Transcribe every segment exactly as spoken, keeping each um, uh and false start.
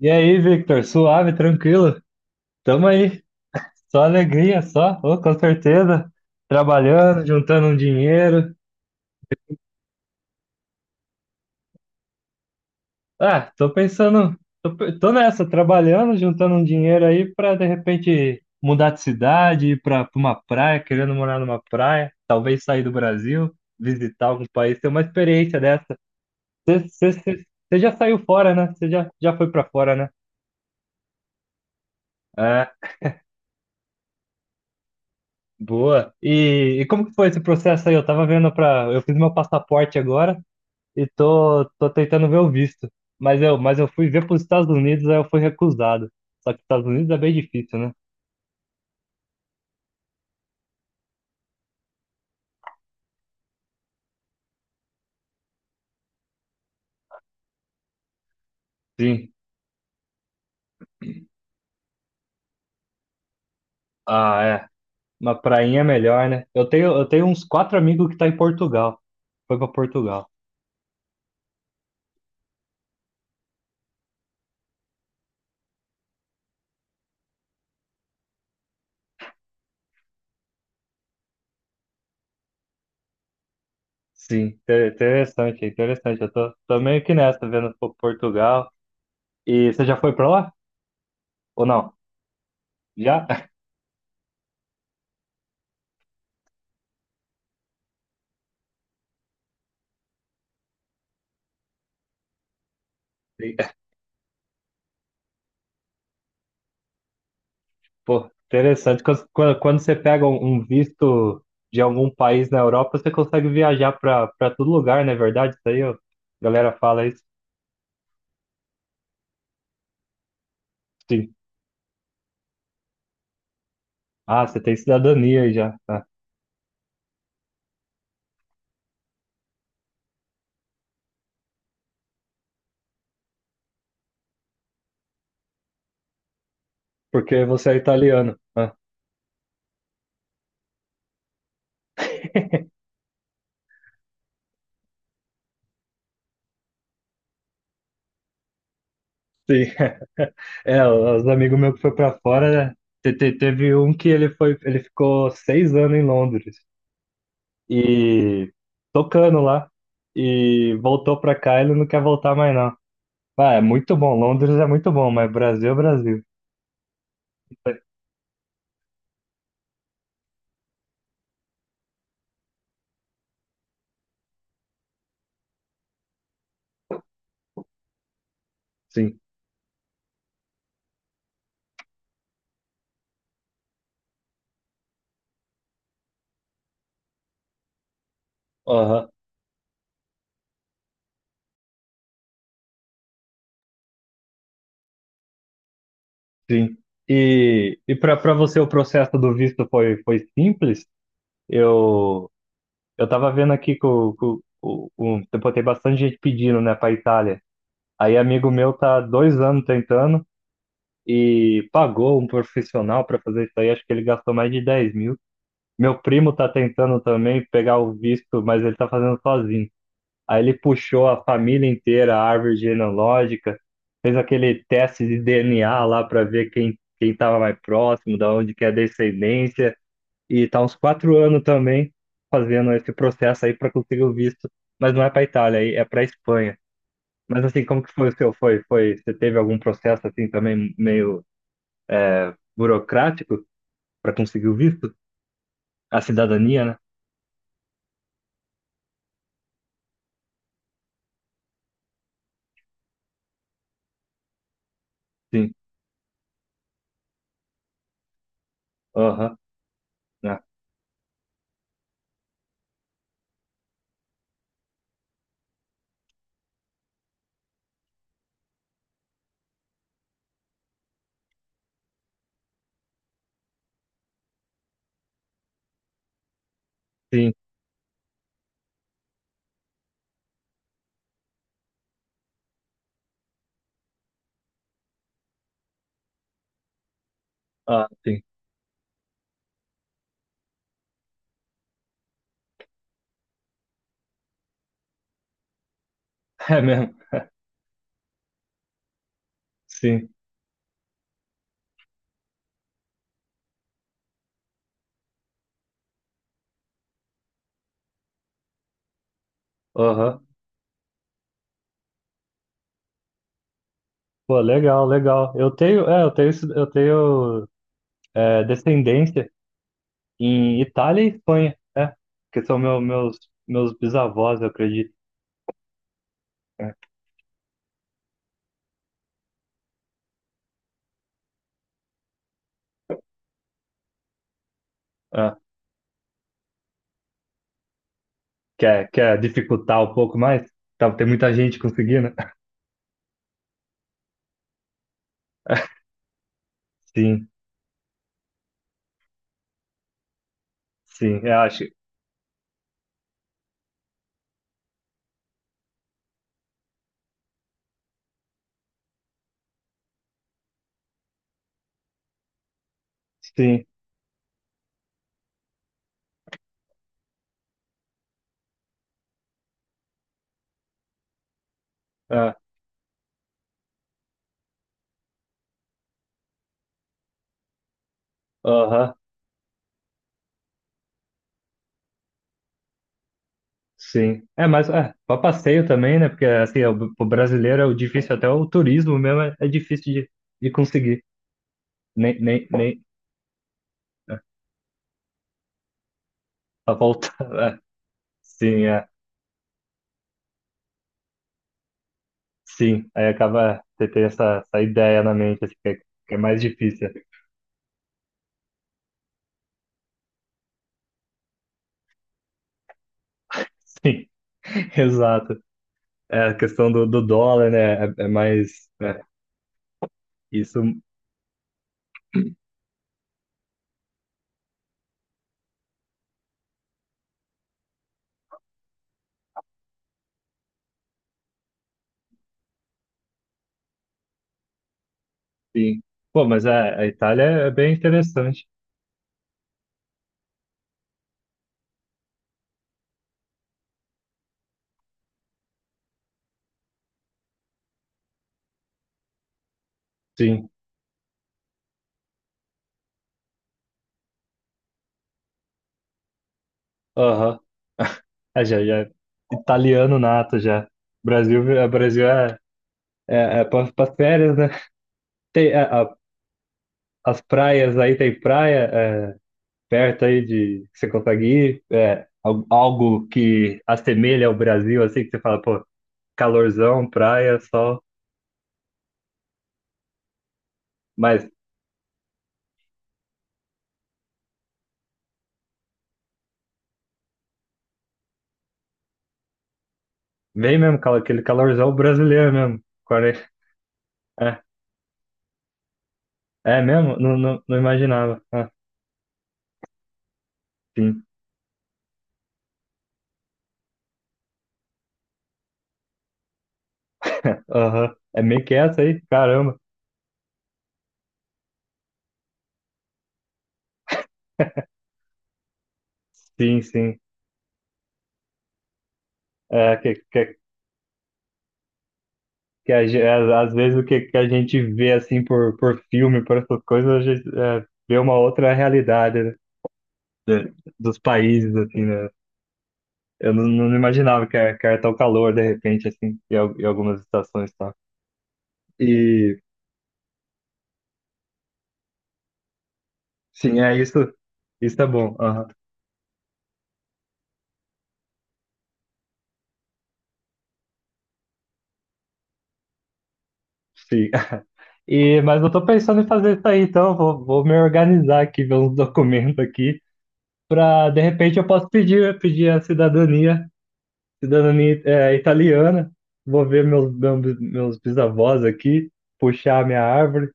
E aí, Victor? Suave, tranquilo? Tamo aí. Só alegria, só. Ô, com certeza. Trabalhando, juntando um dinheiro. Ah, tô pensando. Tô, pe- tô nessa, trabalhando, juntando um dinheiro aí pra de repente mudar de cidade, ir pra, pra uma praia, querendo morar numa praia. Talvez sair do Brasil, visitar algum país, ter uma experiência dessa. Você já saiu fora, né? Você já, já foi pra fora, né? É. Boa. E, e como que foi esse processo aí? Eu tava vendo pra. Eu fiz meu passaporte agora e tô, tô tentando ver o visto. Mas eu, mas eu fui ver pros Estados Unidos, aí eu fui recusado. Só que Estados Unidos é bem difícil, né? Sim. Ah, é. Uma prainha é melhor, né? Eu tenho, eu tenho uns quatro amigos que tá em Portugal. Foi pra Portugal. Sim. Inter- Interessante, interessante. Eu tô, tô meio que nessa, vendo Portugal. E você já foi pra lá? Ou não? Já? Pô, interessante. Quando, quando quando você pega um, um visto de algum país na Europa, você consegue viajar para para todo lugar, não é verdade? Isso aí, ó, a galera fala isso. Sim. Ah, você tem cidadania aí já. Ah, porque você é italiano. Ah, sim. É, os amigos meus que foi para fora, né? Te- te- Teve um que ele foi, ele ficou seis anos em Londres e tocando lá e voltou para cá, ele não quer voltar mais não. Ah, é muito bom, Londres é muito bom, mas Brasil é Brasil. Sim, aham, sim. E, e para para você o processo do visto foi, foi simples? Eu eu tava vendo aqui que o, que o, o, o- tipo, tem bastante gente pedindo, né, para Itália. Aí amigo meu tá dois anos tentando e pagou um profissional para fazer isso aí. Acho que ele gastou mais de dez mil. Meu primo tá tentando também pegar o visto, mas ele tá fazendo sozinho. Aí ele puxou a família inteira, a árvore genealógica, fez aquele teste de D N A lá para ver quem quem estava mais próximo, da onde que é a descendência, e tá uns quatro anos também fazendo esse processo aí para conseguir o visto, mas não é para Itália, aí é para Espanha. Mas assim, como que foi o seu? Foi, foi, você teve algum processo assim também meio é, burocrático para conseguir o visto? A cidadania, né? Sim. Aham. Né? Sim. Ah, sim. É mesmo. Sim. Aham. Pô, legal, legal. Eu tenho, é, eu tenho, esse- eu tenho é, descendência em Itália e Espanha, é, que são meu, meus, meus bisavós, eu acredito. É, quer, quer dificultar um pouco mais? Tá, tem muita gente conseguindo. Sim, sim, eu acho. Sim, é, aham, sim. É, mas é, para passeio também, né? Porque assim, o, o brasileiro é o difícil, até o turismo mesmo é, é difícil de, de conseguir. Nem, nem, nem, é, a volta. É, sim, é. Sim, aí acaba você ter essa, essa ideia na mente, assim, que é, que é, mais difícil. Sim, exato. É, a questão do, do dólar, né? É, é mais. É, isso, sim. Pô, mas a, a Itália é bem interessante. Sim, aham. É, já, já, é italiano nato já. Brasil, a Brasil é, é, é para as férias, né? Tem, a, a- as praias aí, tem praia é, perto aí de que você consegue ir. É, al- algo que assemelha ao Brasil, assim, que você fala, pô. Calorzão, praia, sol. Mas vem mesmo, cal- aquele calorzão brasileiro mesmo. quarenta. É, é mesmo? Não, não, não imaginava. Ah, sim. Aham. É meio que essa aí? Caramba. Sim, sim. É, que, que, que a, ge- às às vezes o que, que a gente vê assim por, por filme, por essas coisas, a gente é, vê uma outra realidade, né? De- dos países, assim, né? Eu não, não imaginava que era, que era tão calor de repente, assim, em, al- em algumas estações, tá? Sim, é isso. Isso é bom. Aham, sim. E, mas eu tô pensando em fazer isso aí, então vou, vou me organizar aqui, ver uns documentos aqui, para de repente eu posso pedir, pedir a cidadania, cidadania é, italiana. Vou ver meus, meus, meus bisavós aqui, puxar a minha árvore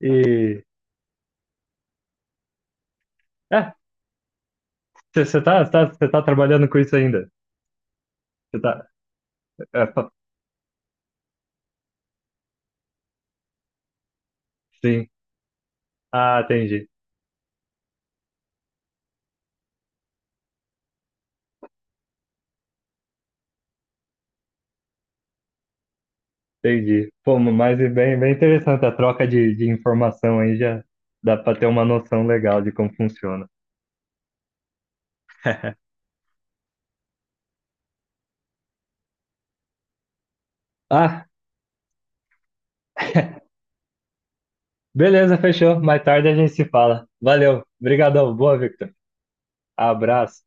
e. É, você tá, cê tá, cê tá trabalhando com isso ainda? Você tá. é, fa- sim. Ah, entendi. Entendi. Pô, mas é bem, bem interessante a troca de, de informação aí, já dá para ter uma noção legal de como funciona. Ah, beleza, fechou. Mais tarde a gente se fala. Valeu. Obrigadão. Boa, Victor. Abraço.